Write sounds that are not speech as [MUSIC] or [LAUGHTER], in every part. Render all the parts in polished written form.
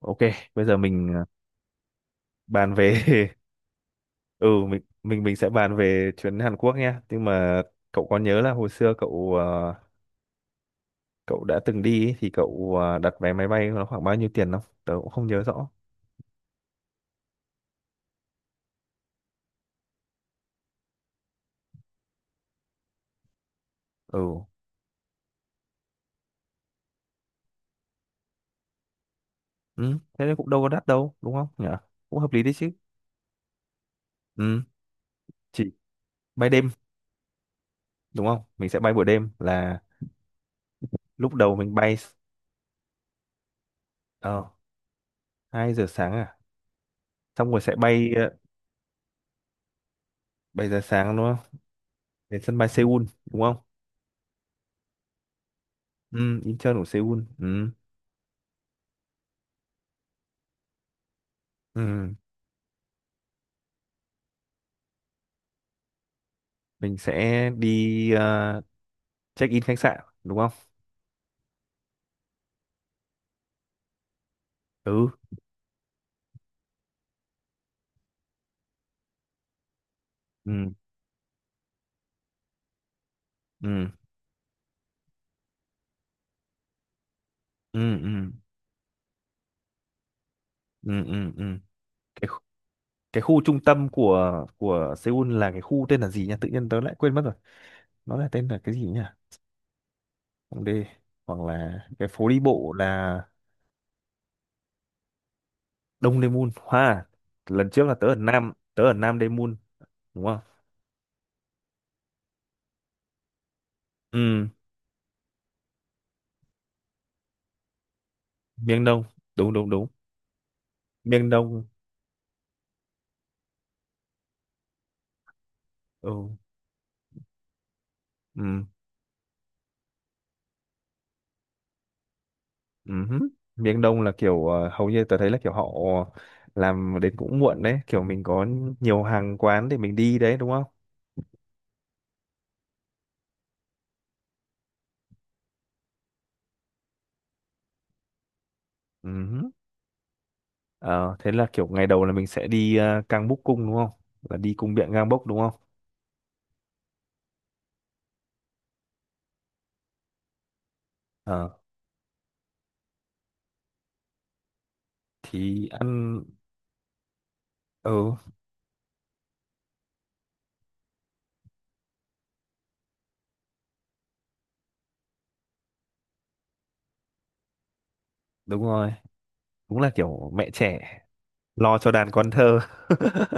Ok, bây giờ bàn về [LAUGHS] mình sẽ bàn về chuyến Hàn Quốc nhé. Nhưng mà cậu có nhớ là hồi xưa cậu đã từng đi ý, thì đặt vé máy bay nó khoảng bao nhiêu tiền không? Tớ cũng không nhớ rõ. Ừ. Ừ, thế nên cũng đâu có đắt đâu, đúng không nhỉ? Cũng hợp lý đấy chứ. Ừ, chỉ bay đêm đúng không? Mình sẽ bay buổi đêm là lúc đầu mình bay ờ 2 giờ sáng à. Xong rồi sẽ bay 7 giờ sáng đúng không? Đến sân bay Seoul đúng không? Ừ, Incheon của Seoul. Ừ. Ừ. Mình sẽ đi check in khách sạn đúng không? Ừ ừ ừ ừ ừ ừ ừ ừ. cái khu- cái khu trung tâm của Seoul là cái khu tên là gì nhỉ, tự nhiên tớ lại quên mất rồi, nó là tên là cái gì nhỉ? Hongdae, hoặc là cái phố đi bộ là Đông Daemun hoa. Lần trước là tớ ở Nam Daemun đúng không? Ừ, miền Đông, đúng đúng đúng, miền Đông. Ừ ừ uh. Miền Đông là kiểu hầu như tớ thấy là kiểu họ làm đến cũng muộn đấy, kiểu mình có nhiều hàng quán để mình đi đấy đúng không? Uh, thế là kiểu ngày đầu là mình sẽ đi Cang Búc Cung đúng không, là đi cung điện Cang Bốc đúng không? Ờ, thì ăn. Ừ đúng rồi, đúng là kiểu mẹ trẻ lo cho đàn con thơ. [LAUGHS]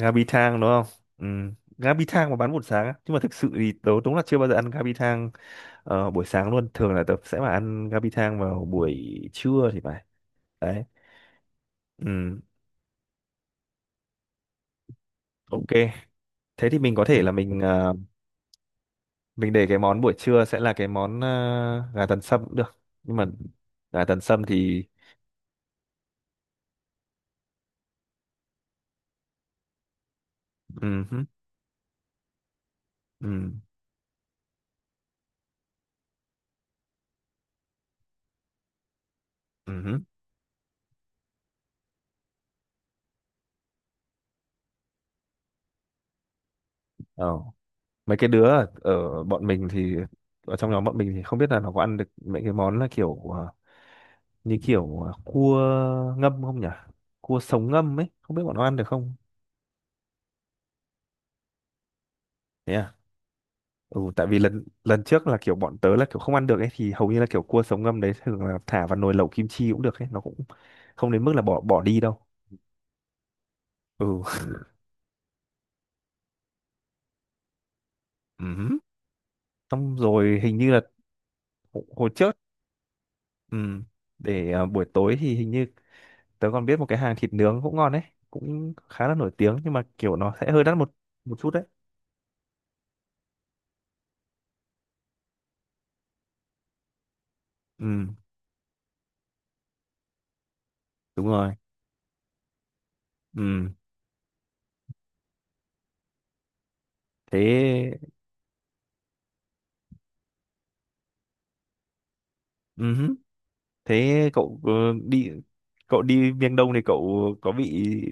Gabi thang đúng không? Ừ. Gabi thang mà bán buổi sáng á. Nhưng mà thực sự thì tớ đúng là chưa bao giờ ăn Gabi thang. Ờ, buổi sáng luôn, thường là tớ sẽ mà ăn gabi thang vào buổi trưa thì phải. Đấy. Ừ, ok, thế thì mình có thể là mình để cái món buổi trưa sẽ là cái món gà tần sâm cũng được, nhưng mà gà tần sâm thì ừ, hứ, ừ, ừ, hứ. Ờ, mấy cái đứa ở bọn mình thì ở trong nhóm bọn mình thì không biết là nó có ăn được mấy cái món là kiểu như kiểu cua ngâm không nhỉ, cua sống ngâm ấy, không biết bọn nó ăn được không? Thế à? Ừ, tại vì lần lần trước là kiểu bọn tớ là kiểu không ăn được ấy, thì hầu như là kiểu cua sống ngâm đấy thường là thả vào nồi lẩu kim chi cũng được ấy, nó cũng không đến mức là bỏ bỏ đi đâu. Ừ. [LAUGHS] Ừm. Xong rồi hình như là hồi hồi trước, ừm, để à, buổi tối thì hình như tớ còn biết một cái hàng thịt nướng cũng ngon đấy, cũng khá là nổi tiếng, nhưng mà kiểu nó sẽ hơi đắt một một chút đấy. Ừ đúng rồi. Ừ, thế. Thế đi, cậu đi miền Đông thì cậu có bị,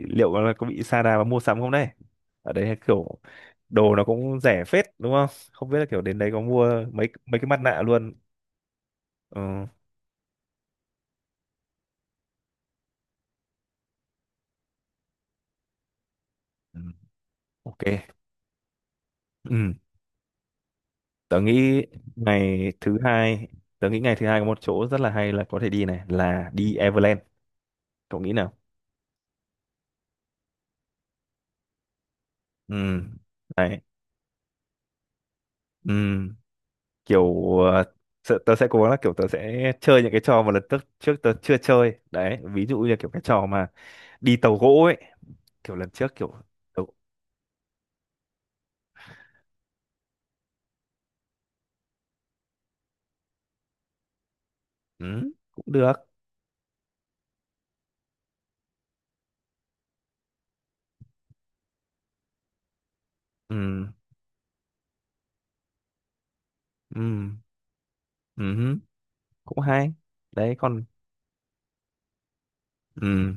liệu là có bị sa đà và mua sắm không đấy? Ở đấy kiểu đồ nó cũng rẻ phết đúng không? Không biết là kiểu đến đấy có mua mấy mấy cái mặt nạ luôn. Ờ, ừ, ok. Ừ, tớ nghĩ ngày thứ hai, tớ nghĩ ngày thứ hai có một chỗ rất là hay là có thể đi này, là đi Everland. Cậu nghĩ nào? Ừ. Đấy. Ừ. Kiểu tớ sẽ cố gắng là kiểu tớ sẽ chơi những cái trò mà lần trước trước tớ chưa chơi đấy, ví dụ như kiểu cái trò mà đi tàu gỗ ấy, kiểu lần trước kiểu tớ, ừ, cũng được. Ừ, ừ, ừ, cũng hay đấy còn ừ,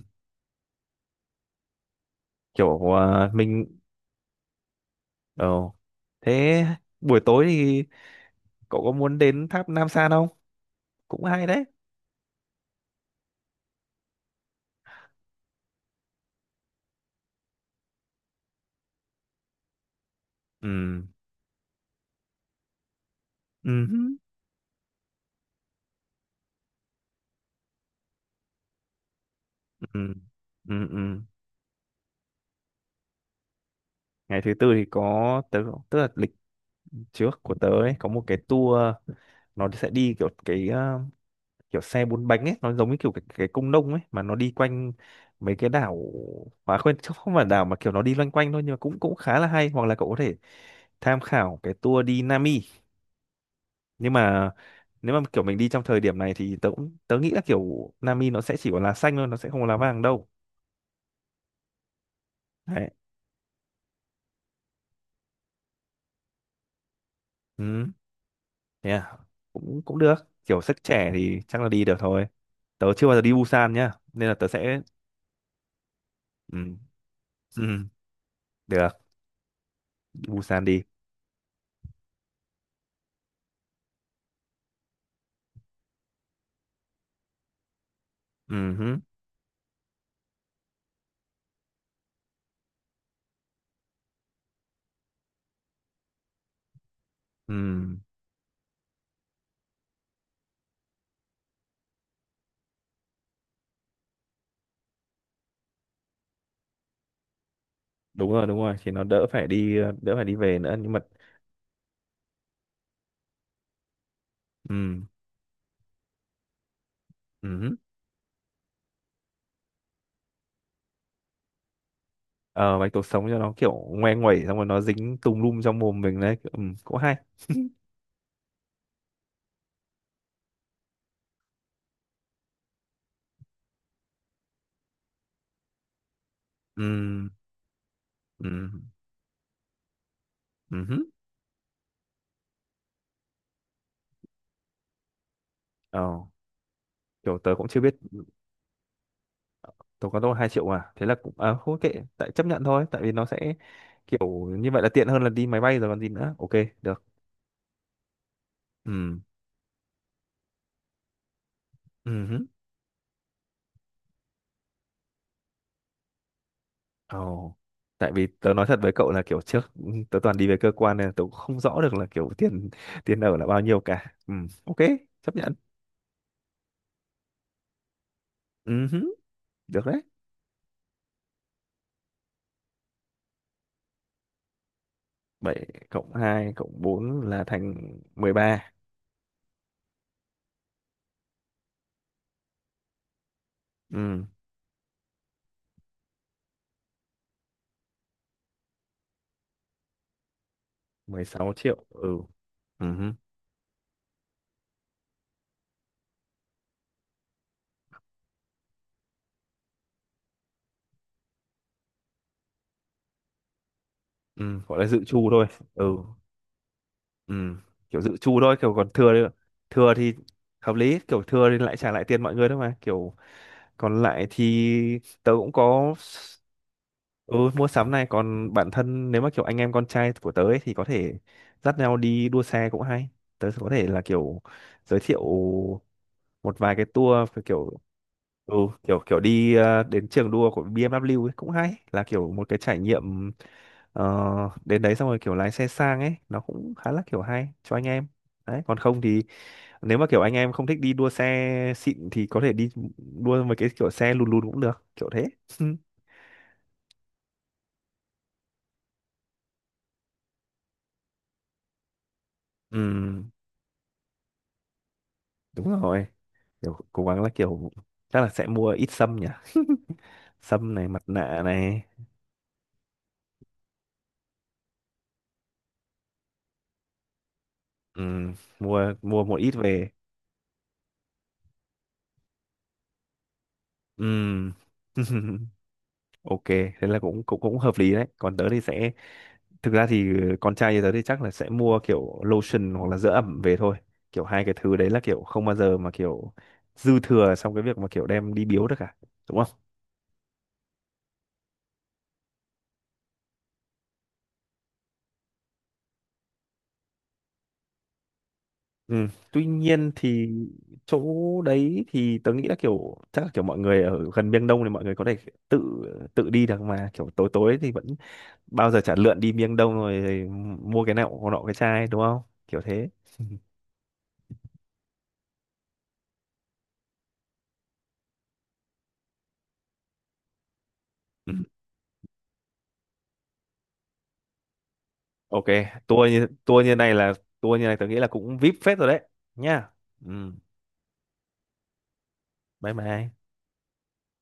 kiểu mình ờ, thế buổi tối thì cậu có muốn đến tháp Nam San không, cũng hay đấy. Ừ, ừ, ừ, ừ, ừ. Ngày thứ tư thì có tớ, tức là lịch trước của tớ ấy có một cái tour, nó sẽ đi kiểu cái kiểu xe bốn bánh ấy, nó giống như kiểu cái công nông ấy mà nó đi quanh mấy cái đảo, mà quên chứ không phải đảo, mà kiểu nó đi loanh quanh thôi, nhưng mà cũng cũng khá là hay, hoặc là cậu có thể tham khảo cái tour đi Nami. Nhưng mà nếu mà kiểu mình đi trong thời điểm này thì tớ cũng tớ nghĩ là kiểu Nami nó sẽ chỉ có lá xanh thôi, nó sẽ không có lá vàng đâu. Đấy. Ừ, yeah, cũng cũng được, kiểu sức trẻ thì chắc là đi được thôi. Tớ chưa bao giờ đi Busan nhá, nên là tớ sẽ ừ, ừ, được, đi Busan đi. Ừ. Ừ, đúng rồi, thì nó đỡ phải đi đỡ phải đi về nữa, nhưng mà ừ, ừ. Ờ, bạch tuộc sống cho nó kiểu ngoe nguẩy xong rồi nó dính tùm lum trong mồm mình đấy, ừ, cũng hay. Ừ, ừ, ừ. Ờ, kiểu tớ cũng chưa biết tớ có đâu 2 triệu à. Thế là cũng à, không kệ, tại chấp nhận thôi, tại vì nó sẽ kiểu như vậy là tiện hơn là đi máy bay rồi còn gì nữa. Ok, được. Ừ. Ừ. Ồ. Tại vì tớ nói thật với cậu là kiểu trước ừ, tớ toàn đi về cơ quan nên là tớ cũng không rõ được là kiểu tiền tiền ở là bao nhiêu cả. Ừ, ok, chấp nhận. Ừ, hứ, được đấy. 7 cộng 2 cộng 4 là thành mười ba. Ừ, mười sáu triệu. Ừ. Ừ, hứ, ừ, gọi là dự trù thôi. Ừ, ừ, kiểu dự trù thôi, kiểu còn thừa thì hợp lý, kiểu thừa thì lại trả lại tiền mọi người thôi mà, kiểu còn lại thì tớ cũng có. Ừ, mua sắm này, còn bản thân nếu mà kiểu anh em con trai của tớ ấy, thì có thể dắt nhau đi đua xe cũng hay. Tớ có thể là kiểu giới thiệu một vài cái tour kiểu ừ, kiểu kiểu đi đến trường đua của BMW ấy, cũng hay, là kiểu một cái trải nghiệm ờ, đến đấy xong rồi kiểu lái xe sang ấy, nó cũng khá là kiểu hay cho anh em. Đấy, còn không thì nếu mà kiểu anh em không thích đi đua xe xịn thì có thể đi đua với cái kiểu xe lùn lùn cũng được, kiểu thế. [LAUGHS] Ừ, đúng rồi. Kiểu cố gắng là kiểu chắc là sẽ mua ít sâm nhỉ, sâm này mặt nạ này. Ừm, mua mua một ít về. Ừm. [LAUGHS] Ok, thế là cũng cũng cũng hợp lý đấy, còn tớ thì sẽ thực ra thì con trai như tớ thì chắc là sẽ mua kiểu lotion hoặc là dưỡng ẩm về thôi, kiểu hai cái thứ đấy là kiểu không bao giờ mà kiểu dư thừa trong cái việc mà kiểu đem đi biếu được cả đúng không? Ừ. Tuy nhiên thì chỗ đấy thì tớ nghĩ là kiểu chắc là kiểu mọi người ở gần Miêng Đông thì mọi người có thể tự tự đi được mà, kiểu tối tối thì vẫn bao giờ chả lượn đi Miêng Đông rồi, mua cái nọ nọ cái chai đúng không, kiểu thế. Ừ. Ok, tour như tour như này là tour như này tớ nghĩ là cũng VIP phết rồi đấy nhá. Ừ. Bye bye.